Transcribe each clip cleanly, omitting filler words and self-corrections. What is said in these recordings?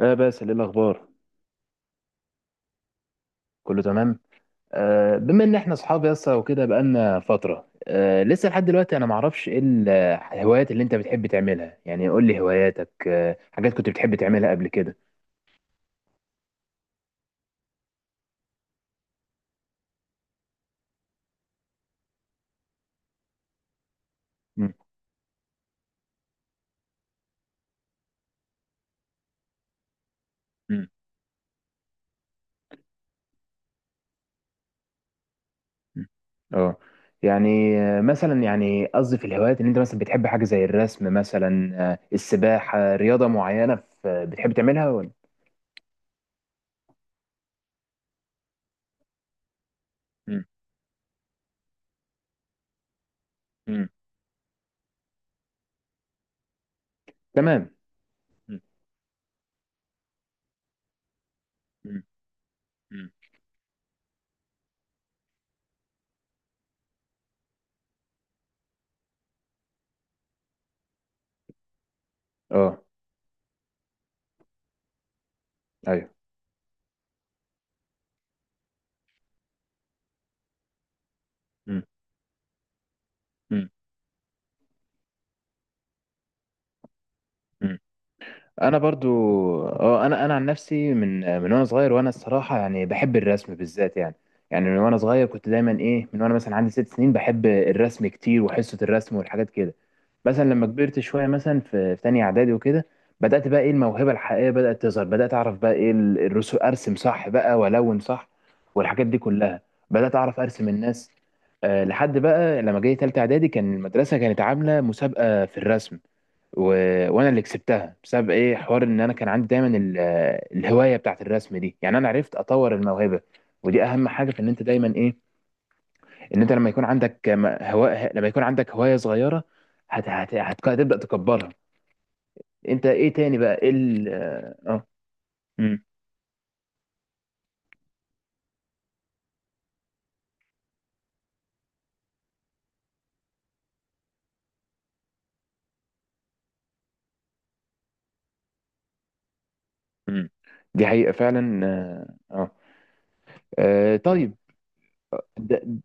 بس ايه الاخبار؟ كله تمام. بما ان احنا اصحاب يسا وكده بقالنا فتره، لسه لحد دلوقتي انا ما اعرفش ايه الهوايات اللي انت بتحب تعملها، يعني قول لي هواياتك. حاجات كنت بتحب تعملها قبل كده. مم، مم، مم. اه، يعني مثلا يعني قصدي في الهوايات ان انت مثلا بتحب حاجه زي الرسم مثلا، السباحه، رياضه معينه في بتحب تعملها ولا؟ مم، مم. تمام. مم، مم، مم. اه. ايوه. مم، مم. انا برضو اه. انا عن نفسي من وانا صغير، وانا الصراحه يعني بحب الرسم بالذات يعني. يعني من وانا صغير كنت دايما ايه، من وانا مثلا عندي 6 سنين بحب الرسم كتير وحصه الرسم والحاجات كده. مثلا لما كبرت شويه مثلا في تانية اعدادي وكده، بدات بقى ايه الموهبه الحقيقيه بدات تظهر، بدات اعرف بقى ايه الرسم، ارسم صح بقى والون صح والحاجات دي كلها. بدات اعرف ارسم الناس. آه، لحد بقى لما جاي تالتة اعدادي كان المدرسه كانت عامله مسابقه في الرسم، و... وانا اللي كسبتها بسبب ايه، حوار ان انا كان عندي دايما الهوايه بتاعت الرسم دي، يعني انا عرفت اطور الموهبه. ودي اهم حاجه، في ان انت دايما ايه، ان انت لما يكون عندك هواء، لما يكون عندك هوايه صغيره هتبدا تكبرها. انت ايه تاني بقى ايه ال... اه. امم. امم. دي حقيقه فعلا. اه آه. آه، طيب. ده...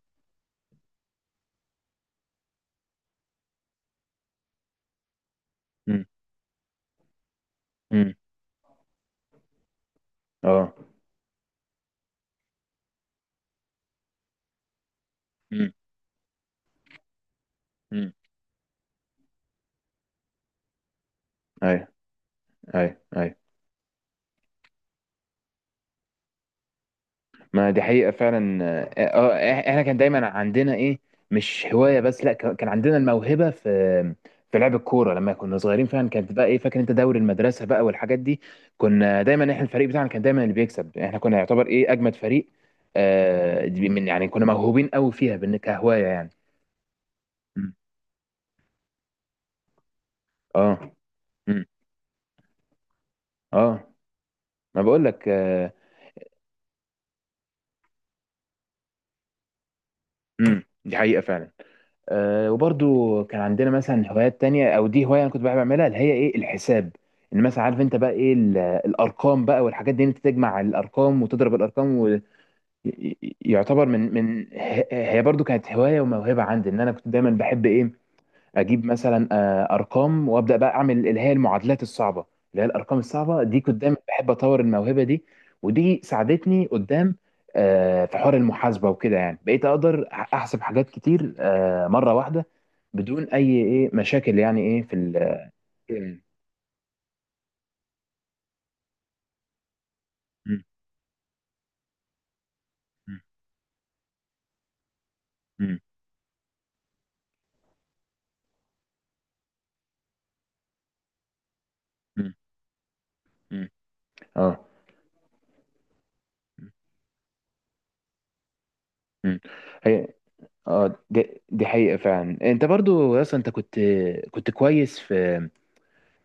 امم. امم. اه. امم. امم. ايوه. ايوه، ايوه. ما دي حقيقة فعلا. اه آه، احنا كان دايما عندنا ايه، مش هواية بس، لا كان عندنا الموهبة في في لعب الكورة لما كنا صغيرين فعلا. كانت بقى ايه، فاكر انت دوري المدرسة بقى والحاجات دي؟ كنا دايما احنا، الفريق بتاعنا كان دايما اللي بيكسب، احنا كنا يعتبر ايه اجمد فريق. آه دي من، يعني كنا موهوبين قوي فيها، كهواية يعني. مم. اه. مم. اه. ما بقول لك آه. مم. دي حقيقة فعلا. آه، وبرضو كان عندنا مثلا هوايات تانية، او دي هواية انا كنت بحب اعملها اللي هي ايه، الحساب. ان مثلا عارف انت بقى ايه الارقام بقى والحاجات دي، إن انت تجمع الارقام وتضرب الارقام، ويعتبر من هي برضو كانت هواية وموهبة عندي، ان انا كنت دايما بحب ايه، اجيب مثلا ارقام وابدا بقى اعمل اللي هي المعادلات الصعبه، اللي هي الارقام الصعبه دي، كنت دايما بحب اطور الموهبه دي. ودي ساعدتني قدام في حوار المحاسبه وكده، يعني بقيت اقدر احسب حاجات كتير مره واحده بدون اي ايه مشاكل، يعني ايه في ال... مم. مم. مم. مم. مم. اه. مم. هي اه دي حقيقه فعلا. انت برضو اصلا انت كنت كويس في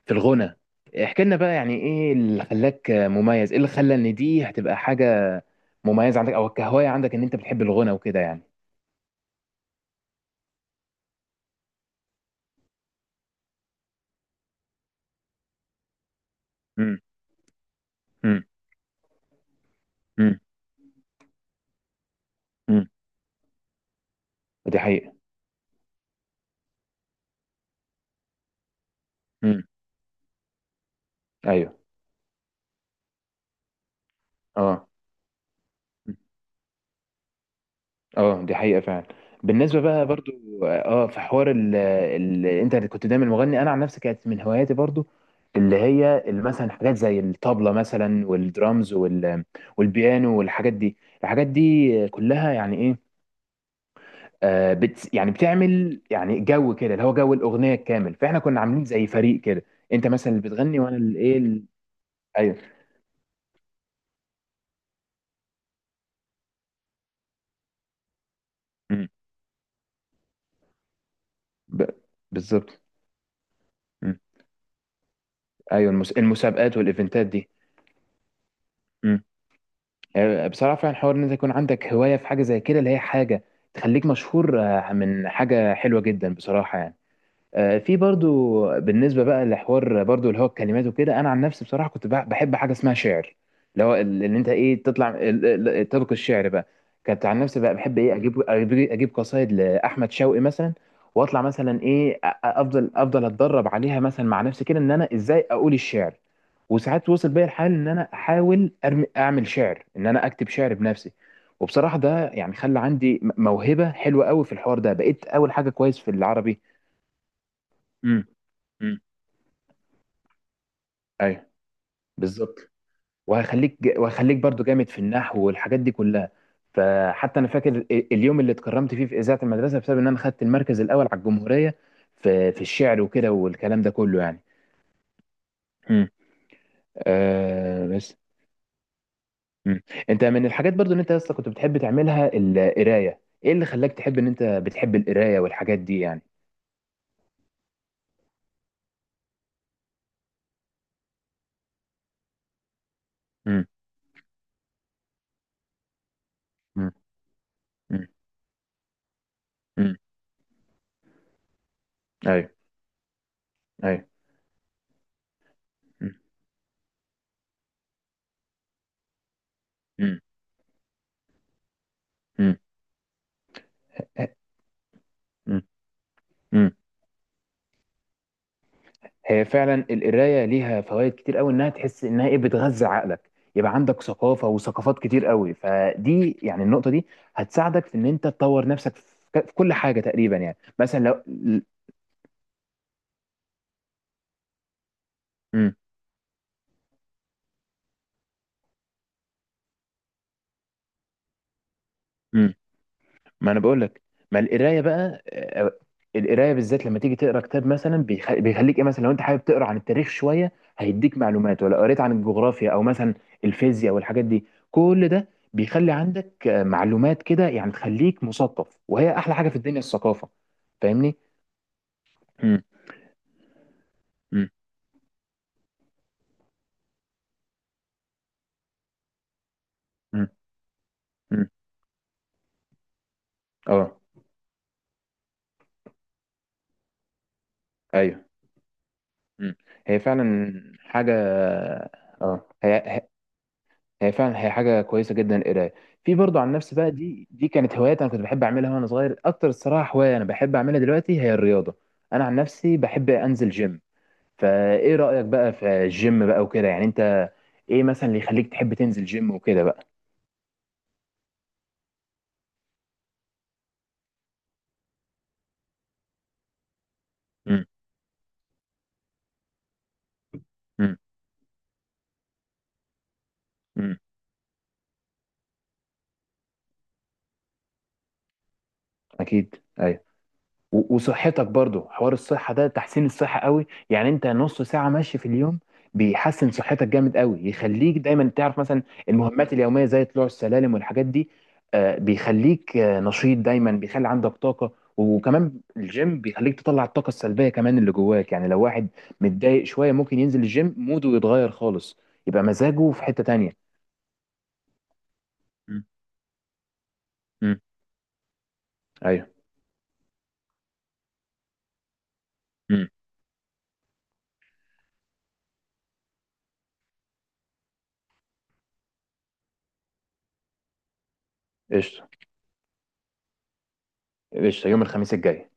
في الغنى. احكي لنا بقى يعني ايه اللي خلاك مميز، ايه اللي خلى ان دي هتبقى حاجة مميزة عندك او كهواية عندك، ان انت بتحب الغنى وكده يعني. مم. مم. مم. مم. ودي حقيقة. مم. ايوه. اه. مم. اه دي حقيقة فعلا. بالنسبة بقى برضو اه، في حوار ال انت كنت دايما مغني، انا عن نفسي كانت من هواياتي برضو اللي هي مثلا حاجات زي الطبلة مثلا والدرامز والبيانو والحاجات دي. الحاجات دي كلها يعني إيه، يعني بتعمل يعني جو كده اللي هو جو الاغنيه الكامل، فاحنا كنا عاملين زي فريق كده. انت مثلا اللي بتغني وانا اللي ايه ال... ايوه. مم. ب... بالظبط. مم. ايوه، المسابقات والايفنتات دي. مم. آه، بصراحه فعلا حوار ان انت يكون عندك هوايه في حاجه زي كده، اللي هي حاجه تخليك مشهور، من حاجه حلوه جدا بصراحه يعني. آه، في برضو بالنسبه بقى لحوار برضو اللي هو الكلمات وكده، انا عن نفسي بصراحه كنت بحب حاجه اسمها شعر، اللي هو ان انت ايه، تطلع تلقي الشعر بقى. كنت عن نفسي بقى بحب ايه، اجيب أجيب قصايد لاحمد شوقي مثلا، واطلع مثلا ايه، افضل اتدرب عليها مثلا مع نفسي كده، ان انا ازاي اقول الشعر. وساعات وصل بيا الحال ان انا احاول اعمل شعر، ان انا اكتب شعر بنفسي. وبصراحه ده يعني خلى عندي موهبه حلوه قوي في الحوار ده، بقيت اول حاجه كويس في العربي. امم. امم. ايوه. بالظبط. وهخليك برضو جامد في النحو والحاجات دي كلها. فحتى انا فاكر اليوم اللي اتكرمت فيه في اذاعه المدرسه، بسبب ان انا خدت المركز الاول على الجمهوريه في في الشعر وكده والكلام ده كله يعني. امم. آه بس. امم. انت من الحاجات برضو ان انت اصلا كنت بتحب تعملها القرايه، ايه اللي خلاك تحب ان انت بتحب القرايه والحاجات دي يعني؟ امم. امم. امم. امم. ايوه. ايوه. امم. امم. امم. امم. هي فعلا القرايه ليها فوائد كتير قوي، انها تحس انها ايه، بتغذي عقلك، يبقى عندك ثقافه وثقافات كتير قوي، فدي يعني النقطه دي هتساعدك في ان انت تطور نفسك في في كل حاجه تقريبا، يعني مثلا لو م- م- ما انا بقول لك. ما القرايه بقى آه، القرايه بالذات لما تيجي تقرا كتاب مثلا بيخليك ايه، مثلا لو انت حابب تقرا عن التاريخ شويه هيديك معلومات، ولا قريت عن الجغرافيا او مثلا الفيزياء والحاجات دي، كل ده بيخلي عندك معلومات كده يعني، تخليك مثقف، وهي احلى حاجه في الدنيا الثقافه. فاهمني. مم. مم. مم. مم. اه. ايوه. مم. هي فعلا حاجه. اه هي فعلا هي حاجه كويسه جدا القرايه. في برضو عن نفسي بقى، دي كانت هوايات انا كنت بحب اعملها وانا صغير. اكتر الصراحه هوايه انا بحب اعملها دلوقتي هي الرياضه. انا عن نفسي بحب انزل جيم. فايه رايك بقى في الجيم بقى وكده يعني انت، ايه مثلا اللي يخليك تحب تنزل جيم وكده بقى؟ امم. امم. امم. اكيد أيوة. وصحتك برضو حوار الصحة ده، تحسين الصحة قوي يعني، انت نص ساعة ماشي في اليوم بيحسن صحتك جامد قوي، يخليك دايما تعرف مثلا المهمات اليومية زي طلوع السلالم والحاجات دي. بيخليك نشيط دايما، بيخلي عندك طاقة، وكمان الجيم بيخليك تطلع الطاقة السلبية كمان اللي جواك. يعني لو واحد متضايق شوية ممكن ينزل الجيم موده يتغير خالص، يبقى مزاجه في حتة تانية. مم. مم. ايوه. مم. قشطة. قشطة، يوم الخميس الجاي.